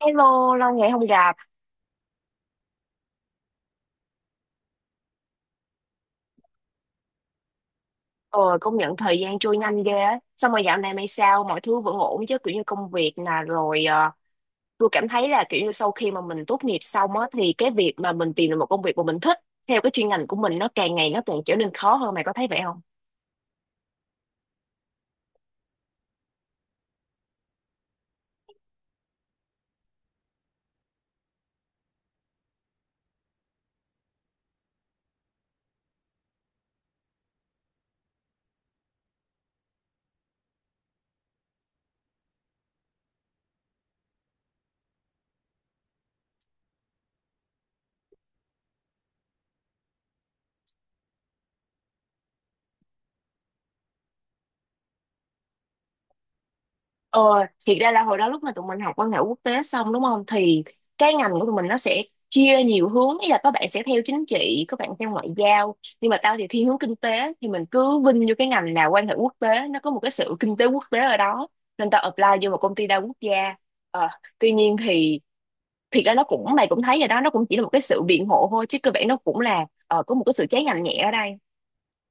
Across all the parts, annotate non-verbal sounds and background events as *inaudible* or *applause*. Hello, lâu ngày không gặp. Ờ, công nhận thời gian trôi nhanh ghê á. Xong rồi dạo này mày sao? Mọi thứ vẫn ổn chứ? Kiểu như công việc nè, rồi tôi cảm thấy là kiểu như sau khi mà mình tốt nghiệp xong á, thì cái việc mà mình tìm được một công việc mà mình thích theo cái chuyên ngành của mình nó càng ngày nó càng trở nên khó hơn. Mày có thấy vậy không? Ờ, thiệt ra là hồi đó lúc mà tụi mình học quan hệ quốc tế xong đúng không, thì cái ngành của tụi mình nó sẽ chia nhiều hướng, ý là có bạn sẽ theo chính trị, có bạn theo ngoại giao, nhưng mà tao thì thiên hướng kinh tế thì mình cứ vinh vô cái ngành nào quan hệ quốc tế nó có một cái sự kinh tế quốc tế ở đó, nên tao apply vô một công ty đa quốc gia. Ờ, Tuy nhiên thì thiệt ra nó cũng mày cũng thấy rồi đó, nó cũng chỉ là một cái sự biện hộ thôi, chứ cơ bản nó cũng là có một cái sự trái ngành nhẹ ở đây.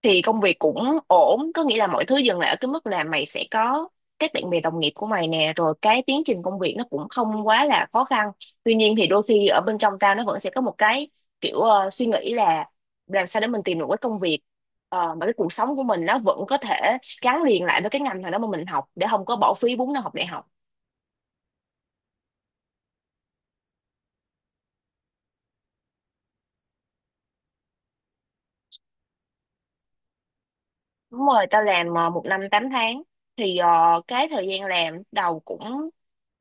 Thì công việc cũng ổn, có nghĩa là mọi thứ dừng lại ở cái mức là mày sẽ có các bạn bè đồng nghiệp của mày nè, rồi cái tiến trình công việc nó cũng không quá là khó khăn. Tuy nhiên thì đôi khi ở bên trong ta nó vẫn sẽ có một cái kiểu suy nghĩ là làm sao để mình tìm được cái công việc mà cái cuộc sống của mình nó vẫn có thể gắn liền lại với cái ngành thằng đó mà mình học để không có bỏ phí 4 năm học đại học. Đúng rồi, tao làm 1 năm 8 tháng. Thì cái thời gian làm đầu cũng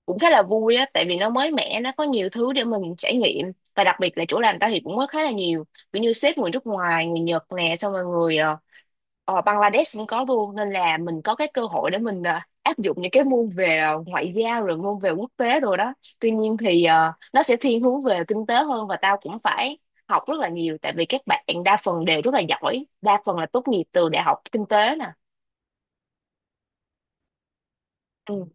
cũng khá là vui á, tại vì nó mới mẻ, nó có nhiều thứ để mình trải nghiệm. Và đặc biệt là chỗ làm tao thì cũng có khá là nhiều kiểu như sếp người nước ngoài, người Nhật nè, xong rồi người Bangladesh cũng có luôn, nên là mình có cái cơ hội để mình áp dụng những cái môn về ngoại giao, rồi môn về quốc tế rồi đó. Tuy nhiên thì nó sẽ thiên hướng về kinh tế hơn, và tao cũng phải học rất là nhiều tại vì các bạn đa phần đều rất là giỏi, đa phần là tốt nghiệp từ đại học kinh tế nè. Ừ.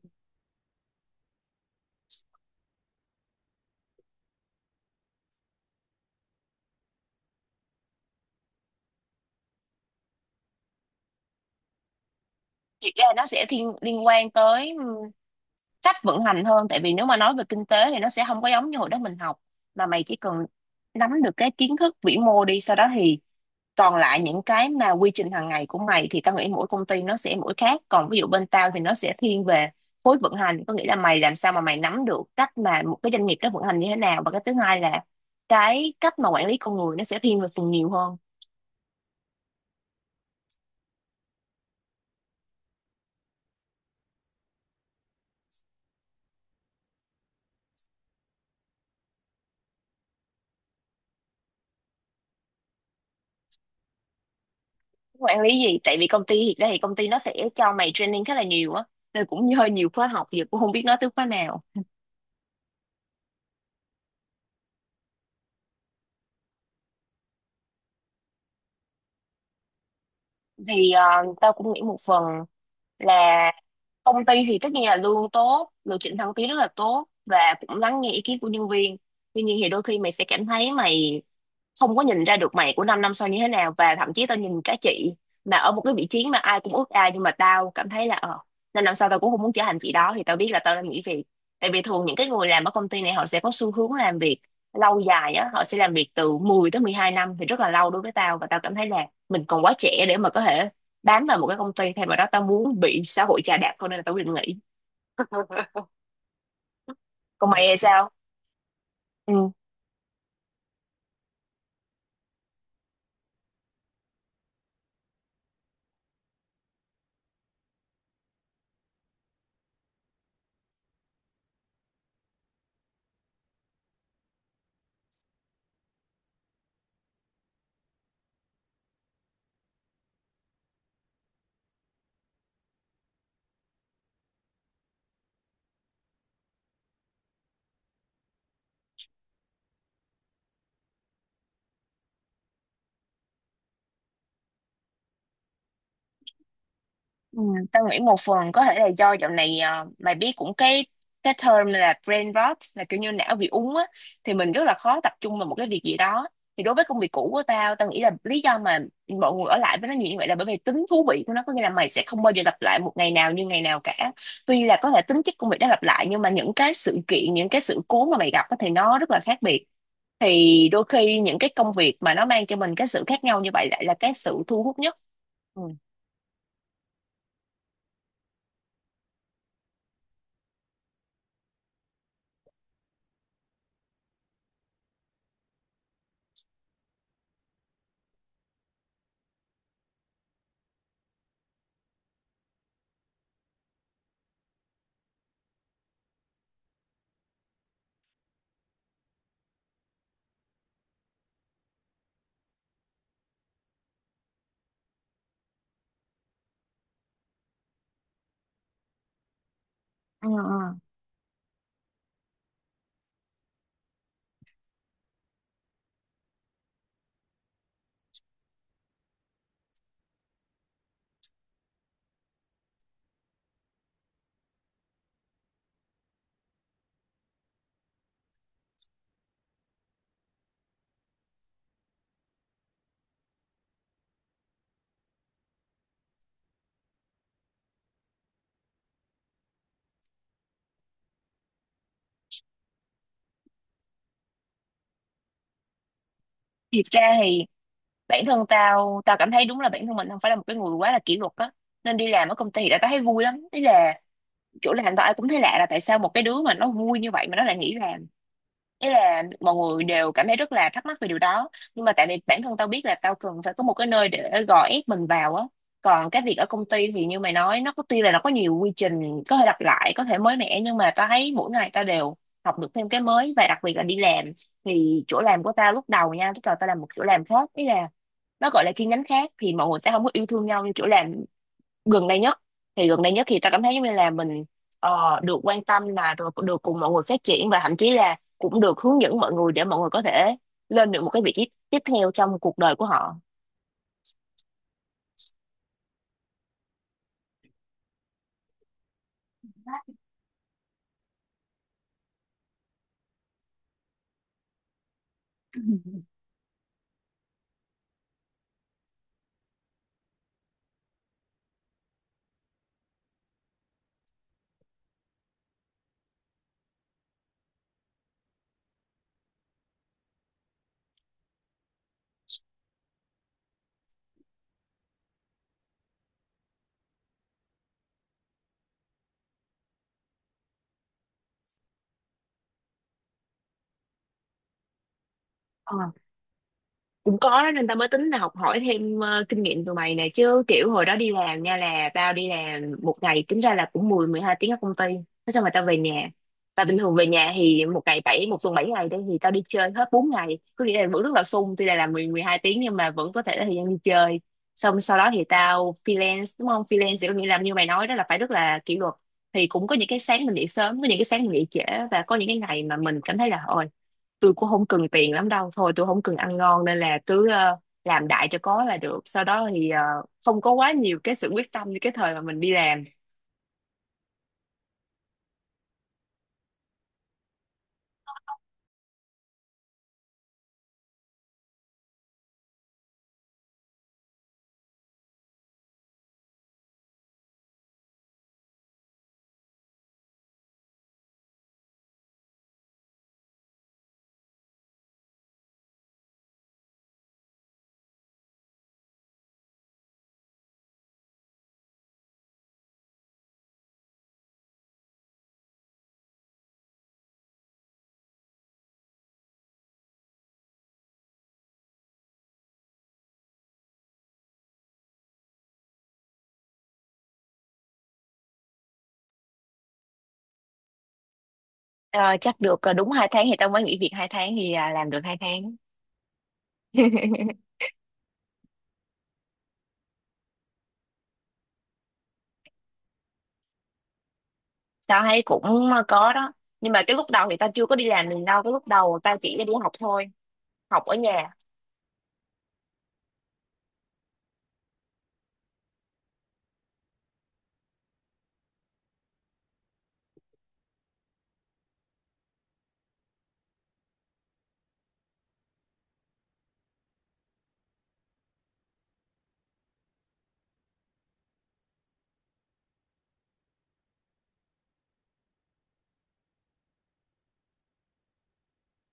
Thì ra nó sẽ thiên liên quan tới cách vận hành hơn, tại vì nếu mà nói về kinh tế thì nó sẽ không có giống như hồi đó mình học, mà mày chỉ cần nắm được cái kiến thức vĩ mô đi, sau đó thì còn lại những cái mà quy trình hàng ngày của mày thì tao nghĩ mỗi công ty nó sẽ mỗi khác. Còn ví dụ bên tao thì nó sẽ thiên về khối vận hành, có nghĩa là mày làm sao mà mày nắm được cách mà một cái doanh nghiệp nó vận hành như thế nào, và cái thứ hai là cái cách mà quản lý con người nó sẽ thiên về phần nhiều hơn. Quản lý gì, tại vì công ty hiện đây thì công ty nó sẽ cho mày training khá là nhiều á, nên cũng hơi nhiều khóa học giờ cũng không biết nói tới khóa nào. Thì tao cũng nghĩ một phần là công ty thì tất nhiên là lương tốt, lộ trình thăng tiến rất là tốt và cũng lắng nghe ý kiến của nhân viên. Tuy nhiên thì đôi khi mày sẽ cảm thấy mày không có nhìn ra được mày của 5 năm sau như thế nào, và thậm chí tao nhìn các chị mà ở một cái vị trí mà ai cũng ước ao, nhưng mà tao cảm thấy là 5 năm sau tao cũng không muốn trở thành chị đó, thì tao biết là tao đang nghỉ việc. Tại vì thường những cái người làm ở công ty này họ sẽ có xu hướng làm việc lâu dài á, họ sẽ làm việc từ 10 tới 12 năm thì rất là lâu đối với tao, và tao cảm thấy là mình còn quá trẻ để mà có thể bám vào một cái công ty. Thay vào đó tao muốn bị xã hội chà đạp hơn nên là tao quyết định nghỉ. *laughs* Còn mày thì sao? Ừ. Ừ, tao nghĩ một phần có thể là do dạo này mày biết cũng cái term là brain rot, là kiểu như não bị úng á, thì mình rất là khó tập trung vào một cái việc gì đó. Thì đối với công việc cũ của tao, tao nghĩ là lý do mà mọi người ở lại với nó nhiều như vậy là bởi vì tính thú vị của nó, có nghĩa là mày sẽ không bao giờ lặp lại một ngày nào như ngày nào cả. Tuy là có thể tính chất công việc đã lặp lại, nhưng mà những cái sự kiện, những cái sự cố mà mày gặp á thì nó rất là khác biệt. Thì đôi khi những cái công việc mà nó mang cho mình cái sự khác nhau như vậy lại là cái sự thu hút nhất. Ừ. Ừ, ừ. Thì thực ra thì bản thân tao tao cảm thấy đúng là bản thân mình không phải là một cái người quá là kỷ luật á, nên đi làm ở công ty thì đã tao thấy vui lắm, ý là chỗ làm tao ai cũng thấy lạ là tại sao một cái đứa mà nó vui như vậy mà nó lại nghỉ làm, ý là mọi người đều cảm thấy rất là thắc mắc về điều đó. Nhưng mà tại vì bản thân tao biết là tao cần phải có một cái nơi để gò ép mình vào á. Còn cái việc ở công ty thì như mày nói nó có, tuy là nó có nhiều quy trình có thể lặp lại, có thể mới mẻ, nhưng mà tao thấy mỗi ngày tao đều học được thêm cái mới. Và đặc biệt là đi làm thì chỗ làm của tao lúc đầu nha, lúc đầu tao làm một chỗ làm khác, ý là nó gọi là chi nhánh khác, thì mọi người sẽ không có yêu thương nhau như chỗ làm gần đây nhất. Thì gần đây nhất thì ta cảm thấy giống như là mình được quan tâm, là được, được cùng mọi người phát triển và thậm chí là cũng được hướng dẫn mọi người để mọi người có thể lên được một cái vị trí tiếp theo trong cuộc đời của họ. Ờ, cũng có đó nên tao mới tính là học hỏi thêm kinh nghiệm từ mày nè, chứ kiểu hồi đó đi làm nha là tao đi làm một ngày tính ra là cũng 10 12 tiếng ở công ty. Thế xong rồi tao về nhà, và bình thường về nhà thì một ngày bảy một tuần 7 ngày đây thì tao đi chơi hết 4 ngày, có nghĩa là vẫn rất là sung, tuy là làm 10 12 tiếng nhưng mà vẫn có thể là thời gian đi chơi. Xong sau đó thì tao freelance đúng không, freelance thì có nghĩa là như mày nói đó là phải rất là kỷ luật. Thì cũng có những cái sáng mình dậy sớm, có những cái sáng mình dậy trễ, và có những cái ngày mà mình cảm thấy là ôi, tôi cũng không cần tiền lắm đâu, thôi tôi không cần ăn ngon, nên là cứ làm đại cho có là được. Sau đó thì không có quá nhiều cái sự quyết tâm như cái thời mà mình đi làm. Ờ, chắc được đúng 2 tháng thì tao mới nghỉ việc 2 tháng, thì làm được 2 tháng. *laughs* Tao thấy cũng có đó, nhưng mà cái lúc đầu thì tao chưa có đi làm mình đâu, cái lúc đầu tao chỉ đi học thôi, học ở nhà.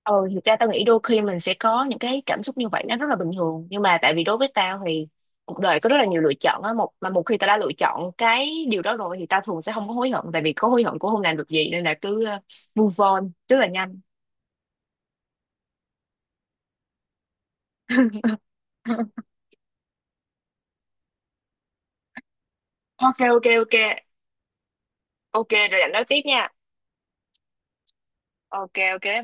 Ừ, thực ra tao nghĩ đôi khi mình sẽ có những cái cảm xúc như vậy nó rất là bình thường, nhưng mà tại vì đối với tao thì cuộc đời có rất là nhiều lựa chọn á, một mà một khi tao đã lựa chọn cái điều đó rồi thì tao thường sẽ không có hối hận, tại vì có hối hận cũng không làm được gì nên là cứ move on rất là nhanh. *laughs* Ok ok ok. Ok rồi anh nói tiếp nha. Ok ok.